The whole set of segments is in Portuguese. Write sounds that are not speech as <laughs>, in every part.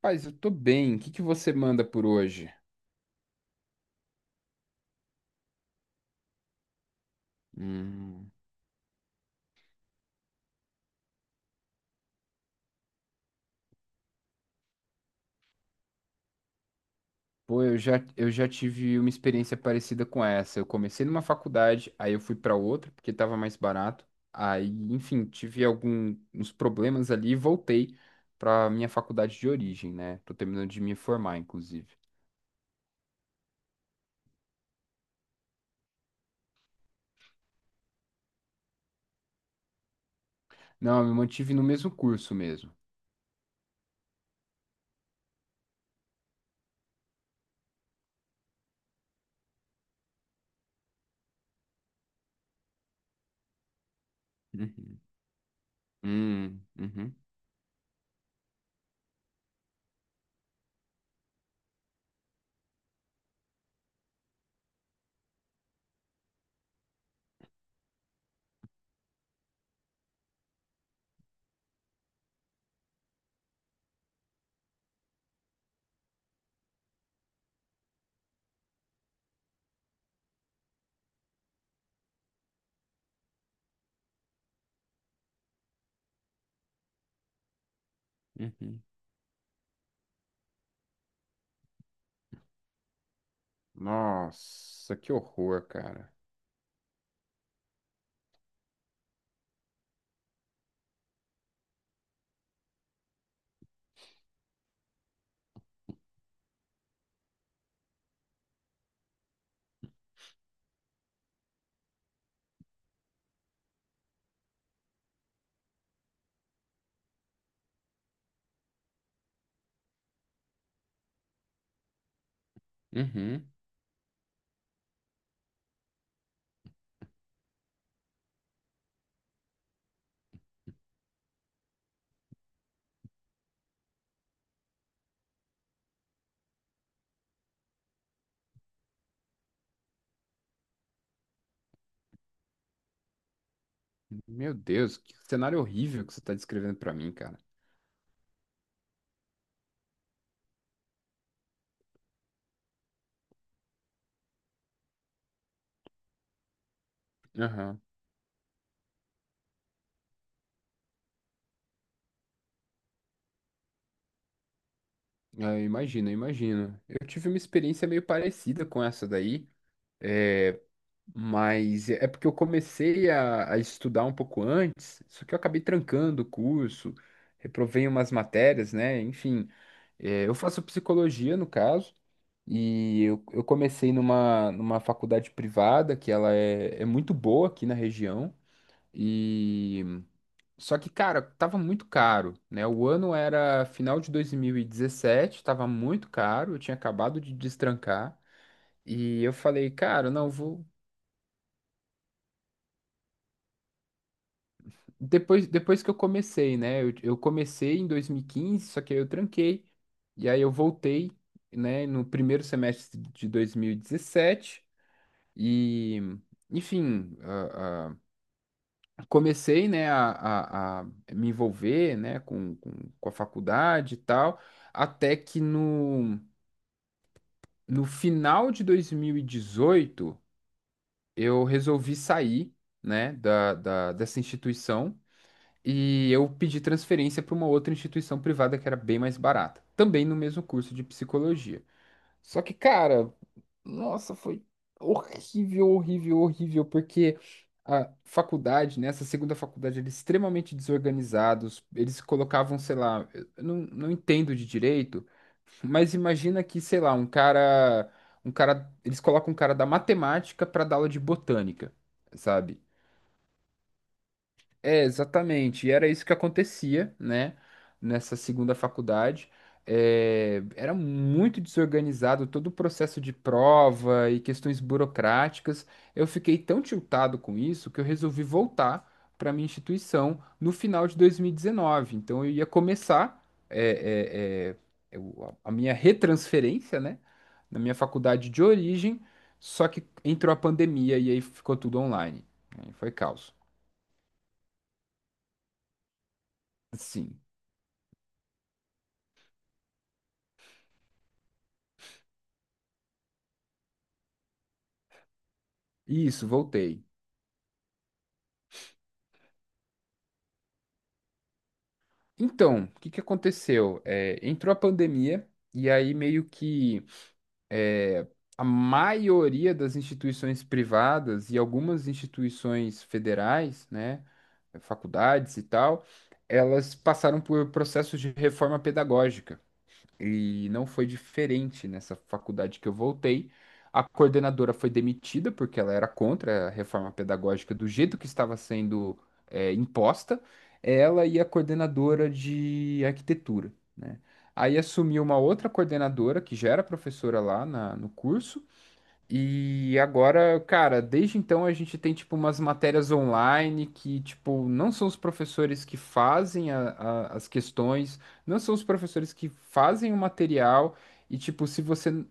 Paz, eu tô bem. O que que você manda por hoje? Hum, Pô, eu já tive uma experiência parecida com essa. Eu comecei numa faculdade, aí eu fui pra outra porque tava mais barato. Aí, enfim, tive alguns problemas ali e voltei pra minha faculdade de origem, né? Tô terminando de me formar, inclusive. Não, eu me mantive no mesmo curso mesmo. Uhum. Uhum. Uhum. Nossa, que horror, cara. Uhum. Meu Deus, que cenário horrível que você tá descrevendo pra mim, cara. Aham. Ah, imagino, imagino. Eu tive uma experiência meio parecida com essa daí, é, mas é porque eu comecei a estudar um pouco antes, só que eu acabei trancando o curso, reprovei umas matérias, né? Enfim, é, eu faço psicologia no caso, e eu comecei numa faculdade privada, que ela é muito boa aqui na região. Só que, cara, tava muito caro, né? O ano era final de 2017, tava muito caro, eu tinha acabado de destrancar. E eu falei, cara, não, vou. Depois, depois que eu comecei, né? Eu comecei em 2015, só que aí eu tranquei. E aí eu voltei, né, no primeiro semestre de 2017. E, dezessete. E, enfim, comecei, né, a me envolver, né, com a faculdade e tal. Até que no No final de 2018, eu resolvi sair, né, dessa instituição e eu pedi transferência para uma outra instituição privada que era bem mais barata, também no mesmo curso de psicologia. Só que, cara, nossa, foi horrível, horrível, horrível, porque a faculdade, né, essa segunda faculdade, eles extremamente desorganizados, eles colocavam, sei lá, eu não entendo de direito, mas imagina que, sei lá, um cara, eles colocam um cara da matemática para dar aula de botânica, sabe? É, exatamente. E era isso que acontecia, né? Nessa segunda faculdade. É, era muito desorganizado todo o processo de prova e questões burocráticas. Eu fiquei tão tiltado com isso que eu resolvi voltar para minha instituição no final de 2019. Então eu ia começar a minha retransferência, né? Na minha faculdade de origem, só que entrou a pandemia e aí ficou tudo online. Aí foi caos. Sim. Isso, voltei. Então, o que que aconteceu? É, entrou a pandemia e aí meio que é, a maioria das instituições privadas e algumas instituições federais, né, faculdades e tal, elas passaram por processos de reforma pedagógica. E não foi diferente nessa faculdade que eu voltei. A coordenadora foi demitida porque ela era contra a reforma pedagógica do jeito que estava sendo, é, imposta. Ela e a coordenadora de arquitetura, né? Aí assumiu uma outra coordenadora que já era professora no curso e agora, cara, desde então a gente tem, tipo, umas matérias online que, tipo, não são os professores que fazem as questões, não são os professores que fazem o material, e, tipo, se você. N-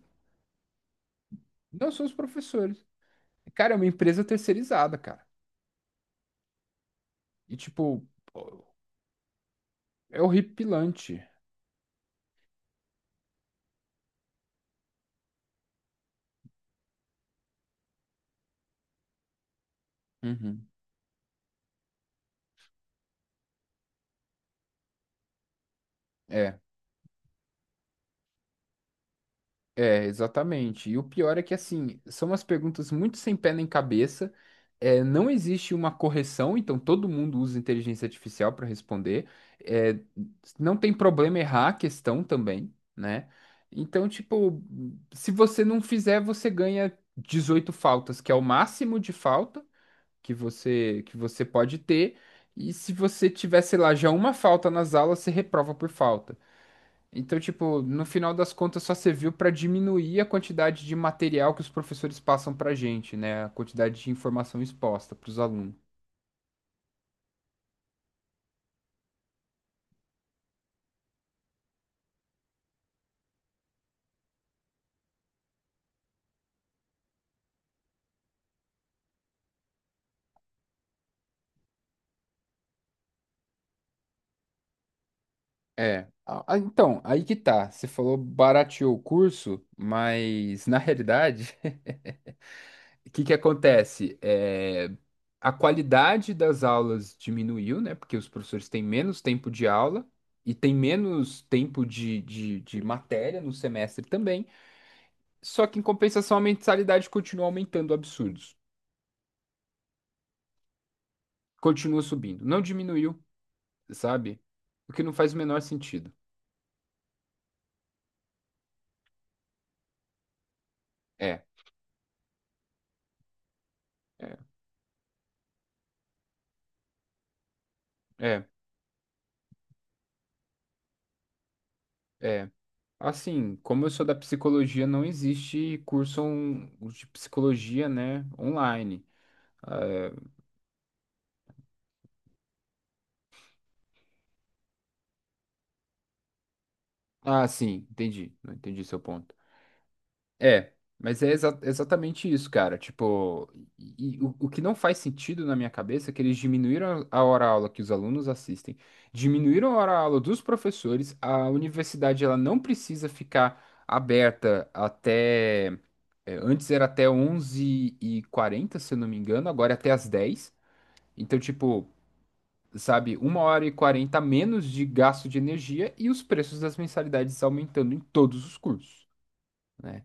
Não são os professores. Cara, é uma empresa terceirizada, cara. E, tipo, é horripilante. Uhum. É. É, exatamente. E o pior é que, assim, são umas perguntas muito sem pé nem cabeça. É, não existe uma correção, então todo mundo usa inteligência artificial para responder. É, não tem problema errar a questão também, né? Então, tipo, se você não fizer, você ganha 18 faltas, que é o máximo de falta que você pode ter. E se você tiver, sei lá, já uma falta nas aulas, você reprova por falta. Então, tipo, no final das contas só serviu para diminuir a quantidade de material que os professores passam pra gente, né? A quantidade de informação exposta para os alunos. É. Então, aí que tá. Você falou barateou o curso, mas na realidade, <laughs> o que que acontece? É, a qualidade das aulas diminuiu, né? Porque os professores têm menos tempo de aula e têm menos tempo de matéria no semestre também. Só que, em compensação, a mensalidade continua aumentando absurdos. Continua subindo. Não diminuiu, sabe? O que não faz o menor sentido. É, é, é, é. Assim, como eu sou da psicologia, não existe de psicologia, né, online. Ah, ah, sim, entendi. Não entendi seu ponto. É, mas é exatamente isso, cara. Tipo, e o que não faz sentido na minha cabeça é que eles diminuíram a hora-aula que os alunos assistem, diminuíram a hora-aula dos professores. A universidade ela não precisa ficar aberta até. É, antes era até 11h40, se eu não me engano, agora é até às 10h. Então, tipo, sabe, 1h40 a menos de gasto de energia e os preços das mensalidades aumentando em todos os cursos, né?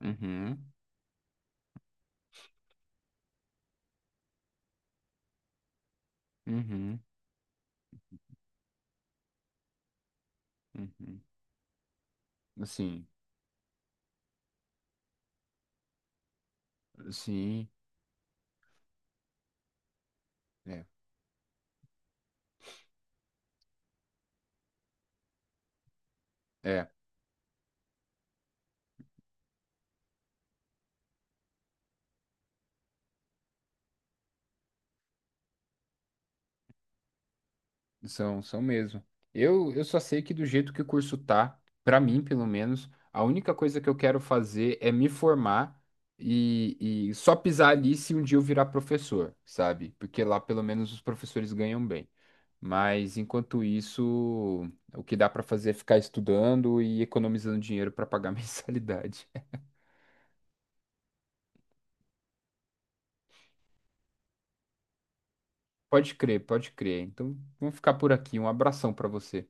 Uhum, uhum. Uhum. Assim, sim, é, é, são, são mesmo. Eu só sei que do jeito que o curso tá, pra mim, pelo menos, a única coisa que eu quero fazer é me formar e só pisar ali se um dia eu virar professor, sabe? Porque lá pelo menos os professores ganham bem. Mas enquanto isso, o que dá pra fazer é ficar estudando e economizando dinheiro pra pagar <laughs> mensalidade. Pode crer, pode crer. Então, vamos ficar por aqui. Um abração pra você.